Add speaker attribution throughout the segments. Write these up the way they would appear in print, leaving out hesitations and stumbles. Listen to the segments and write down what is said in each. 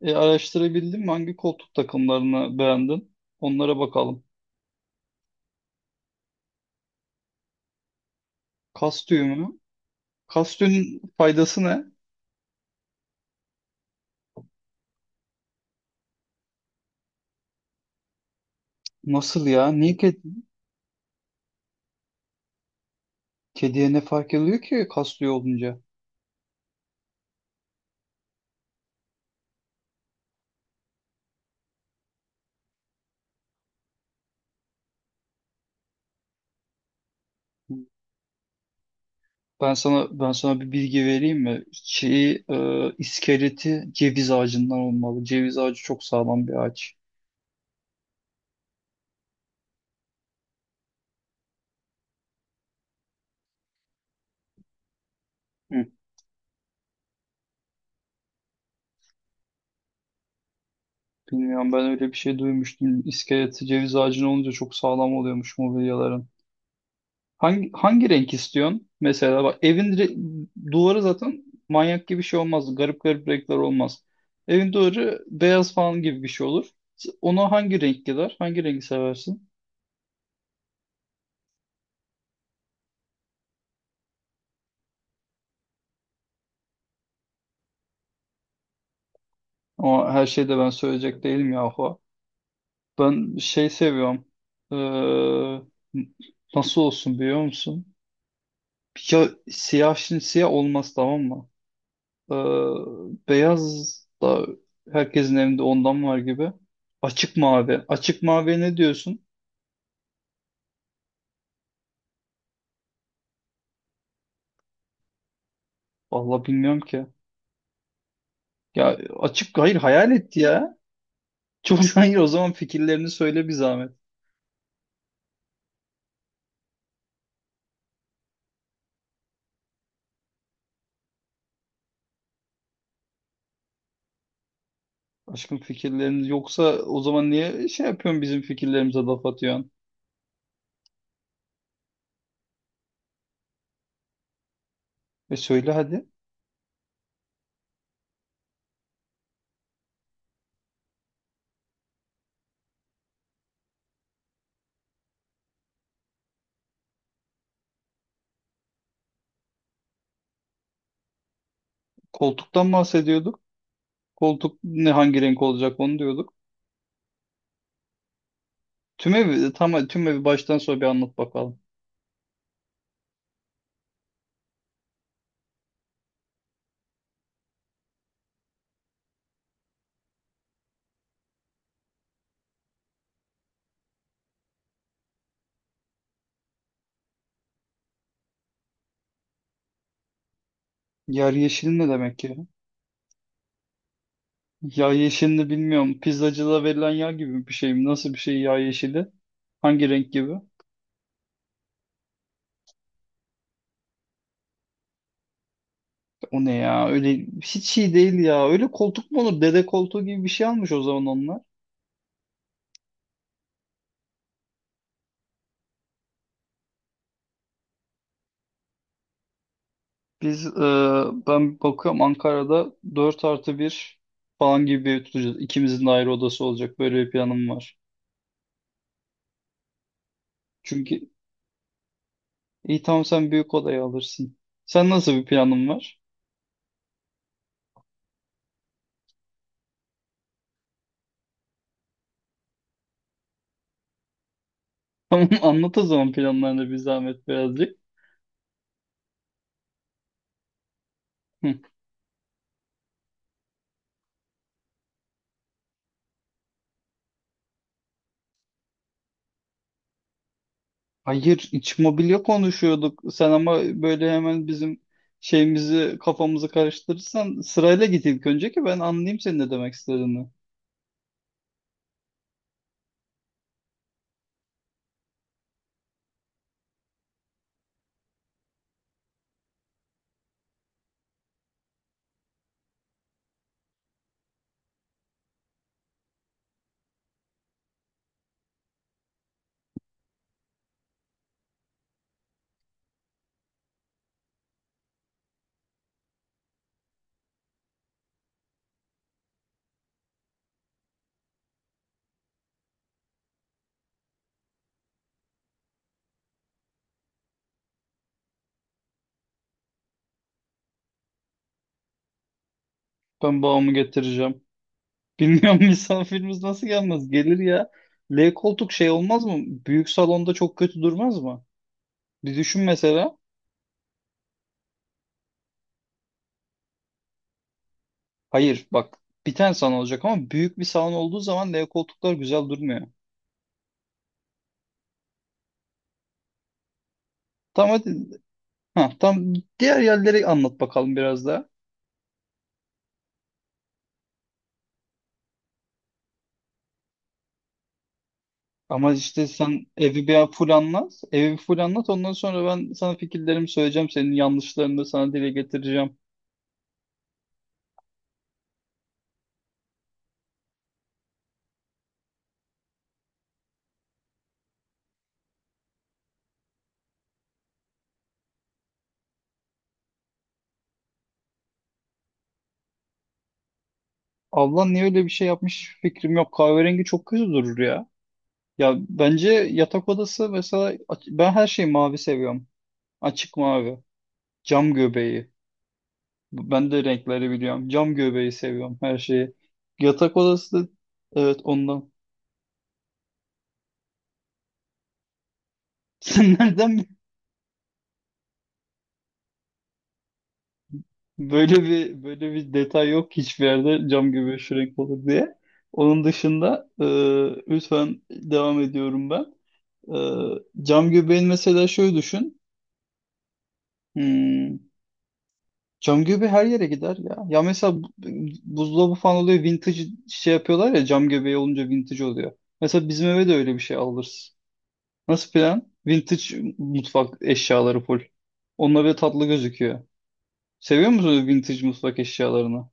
Speaker 1: Araştırabildin mi? Hangi koltuk takımlarını beğendin? Onlara bakalım. Kastümü. Kastümün faydası ne? Nasıl ya? Kediye ne fark ediyor ki kastüyü olunca? Ben sana bir bilgi vereyim mi? Şeyi, iskeleti ceviz ağacından olmalı. Ceviz ağacı çok sağlam bir ağaç. Hı. Bilmiyorum, ben öyle bir şey duymuştum. İskeleti ceviz ağacının olunca çok sağlam oluyormuş mobilyaların. Hangi renk istiyorsun? Mesela bak, duvarı zaten manyak gibi bir şey olmaz. Garip garip renkler olmaz. Evin duvarı beyaz falan gibi bir şey olur. Ona hangi renk gider? Hangi rengi seversin? Ama her şeyi de ben söyleyecek değilim yahu. Ben şey seviyorum. Ee, nasıl olsun biliyor musun? Ya siyah, şimdi siyah olmaz, tamam mı? Ee, beyaz da herkesin evinde ondan var gibi. Açık mavi. Açık maviye ne diyorsun? Vallahi bilmiyorum ki. Ya açık, hayır hayal etti ya. Çok hayır, o zaman fikirlerini söyle bir zahmet. Aşkım, fikirleriniz yoksa o zaman niye şey yapıyorsun, bizim fikirlerimize laf atıyorsun? E söyle hadi. Koltuktan bahsediyorduk. Koltuk ne, hangi renk olacak onu diyorduk. Tüm evi, tam tüm evi baştan sona bir anlat bakalım. Yer yeşil ne demek ya? Yağ yeşilini bilmiyorum. Pizzacıda verilen yağ gibi bir şey mi? Nasıl bir şey yağ yeşili? Hangi renk gibi? O ne ya? Öyle hiç iyi değil ya. Öyle koltuk mu olur? Dede koltuğu gibi bir şey almış o zaman onlar. Biz e, ben bakıyorum, Ankara'da 4 artı bir falan gibi bir ev tutacağız. İkimizin de ayrı odası olacak. Böyle bir planım var. Çünkü iyi, tamam, sen büyük odayı alırsın. Sen nasıl bir planın var? Tamam anlat o zaman planlarını bir zahmet birazcık. Hı. Hayır, iç mobilya konuşuyorduk. Sen ama böyle hemen bizim şeyimizi, kafamızı karıştırırsan, sırayla git ilk önce ki ben anlayayım senin ne demek istediğini. Ben bağımı getireceğim. Bilmiyorum, misafirimiz nasıl gelmez? Gelir ya. L koltuk şey olmaz mı? Büyük salonda çok kötü durmaz mı? Bir düşün mesela. Hayır bak, bir tane salon olacak ama büyük bir salon olduğu zaman L koltuklar güzel durmuyor. Tamam hadi. Ha, tam diğer yerleri anlat bakalım biraz daha. Ama işte sen evi bir full anlat. Evi bir full anlat. Ondan sonra ben sana fikirlerimi söyleyeceğim. Senin yanlışlarını da sana dile getireceğim. Ablan niye öyle bir şey yapmış fikrim yok. Kahverengi çok kötü durur ya. Ya bence yatak odası mesela ben her şeyi mavi seviyorum. Açık mavi. Cam göbeği. Ben de renkleri biliyorum. Cam göbeği seviyorum her şeyi. Yatak odası da evet ondan. Sen nereden. Böyle bir detay yok hiçbir yerde, cam göbeği şu renk olur diye. Onun dışında lütfen devam ediyorum ben. E, cam göbeğin mesela şöyle düşün. Hmm, cam göbeği her yere gider ya. Ya mesela buzdolabı falan oluyor vintage, şey yapıyorlar ya, cam göbeği olunca vintage oluyor. Mesela bizim eve de öyle bir şey alırız. Nasıl plan? Vintage mutfak eşyaları full. Onunla bir tatlı gözüküyor. Seviyor musun vintage mutfak eşyalarını?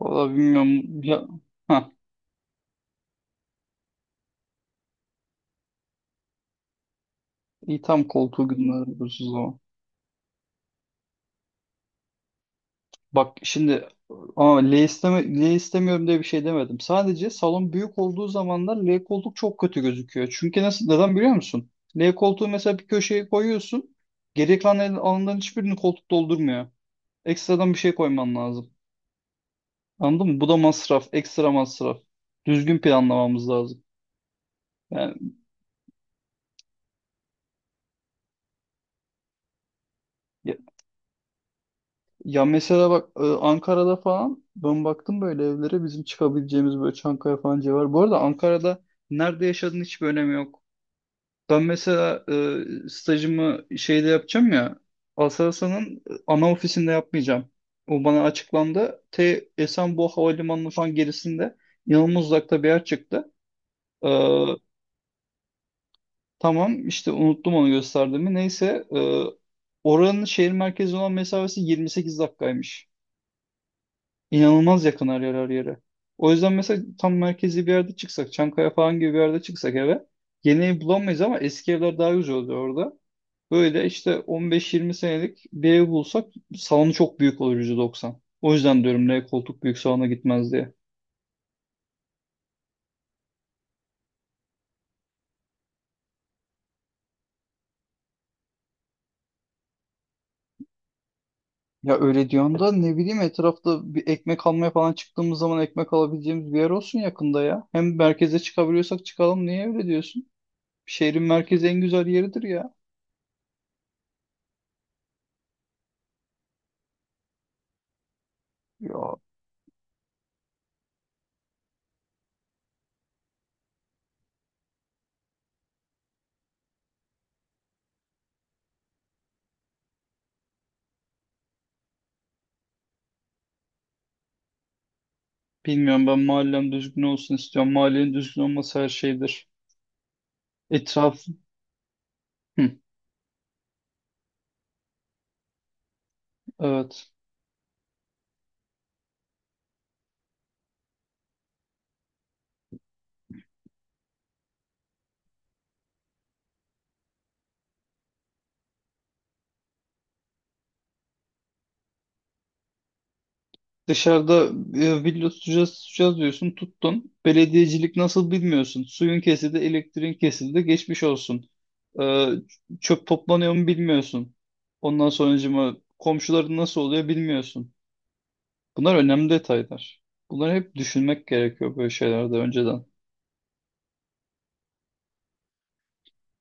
Speaker 1: Valla bilmiyorum. Ya, ha, iyi tam koltuğu gündüz o. Bak şimdi, ama L istemiyorum diye bir şey demedim. Sadece salon büyük olduğu zamanlar L koltuk çok kötü gözüküyor. Çünkü nasıl, neden biliyor musun? L koltuğu mesela bir köşeye koyuyorsun. Geri kalan alanların hiçbirini koltuk doldurmuyor. Ekstradan bir şey koyman lazım. Anladın mı? Bu da masraf. Ekstra masraf. Düzgün planlamamız lazım. Yani, ya mesela bak, Ankara'da falan ben baktım böyle evlere bizim çıkabileceğimiz, böyle Çankaya falan civarı. Bu arada Ankara'da nerede yaşadığın hiçbir önemi yok. Ben mesela stajımı şeyde yapacağım ya, Aselsan'ın ana ofisinde yapmayacağım. O bana açıklandı. T Esenboğa Havalimanı'nın falan gerisinde inanılmaz uzakta bir yer çıktı. E, tamam işte, unuttum onu gösterdiğimi. Neyse, oranın şehir merkezi olan mesafesi 28 dakikaymış. İnanılmaz yakın her yer her yere. O yüzden mesela tam merkezi bir yerde çıksak, Çankaya falan gibi bir yerde çıksak eve, yeni ev bulamayız ama eski evler daha güzel oluyor orada. Böyle işte 15-20 senelik bir ev bulsak salonu çok büyük olur %90. O yüzden diyorum ne, koltuk büyük salona gitmez diye. Ya öyle diyorsun da, ne bileyim, etrafta bir ekmek almaya falan çıktığımız zaman ekmek alabileceğimiz bir yer olsun yakında ya. Hem merkeze çıkabiliyorsak çıkalım, niye öyle diyorsun? Şehrin merkezi en güzel yeridir ya. Ya bilmiyorum, ben mahallem düzgün olsun istiyorum. Mahallenin düzgün olması her şeydir. Etraf, hı, evet. Dışarıda villa tutacağız diyorsun, tuttun. Belediyecilik nasıl bilmiyorsun. Suyun kesildi, elektriğin kesildi, geçmiş olsun. Ee, çöp toplanıyor mu bilmiyorsun. Ondan sonracıma komşuların nasıl oluyor bilmiyorsun. Bunlar önemli detaylar. Bunları hep düşünmek gerekiyor böyle şeylerde önceden.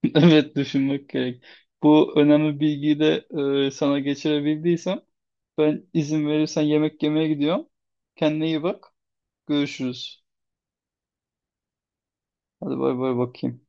Speaker 1: Evet düşünmek gerek. Bu önemli bilgiyi de sana geçirebildiysem. Ben izin verirsen yemek yemeye gidiyorum. Kendine iyi bak. Görüşürüz. Hadi bay bay bakayım.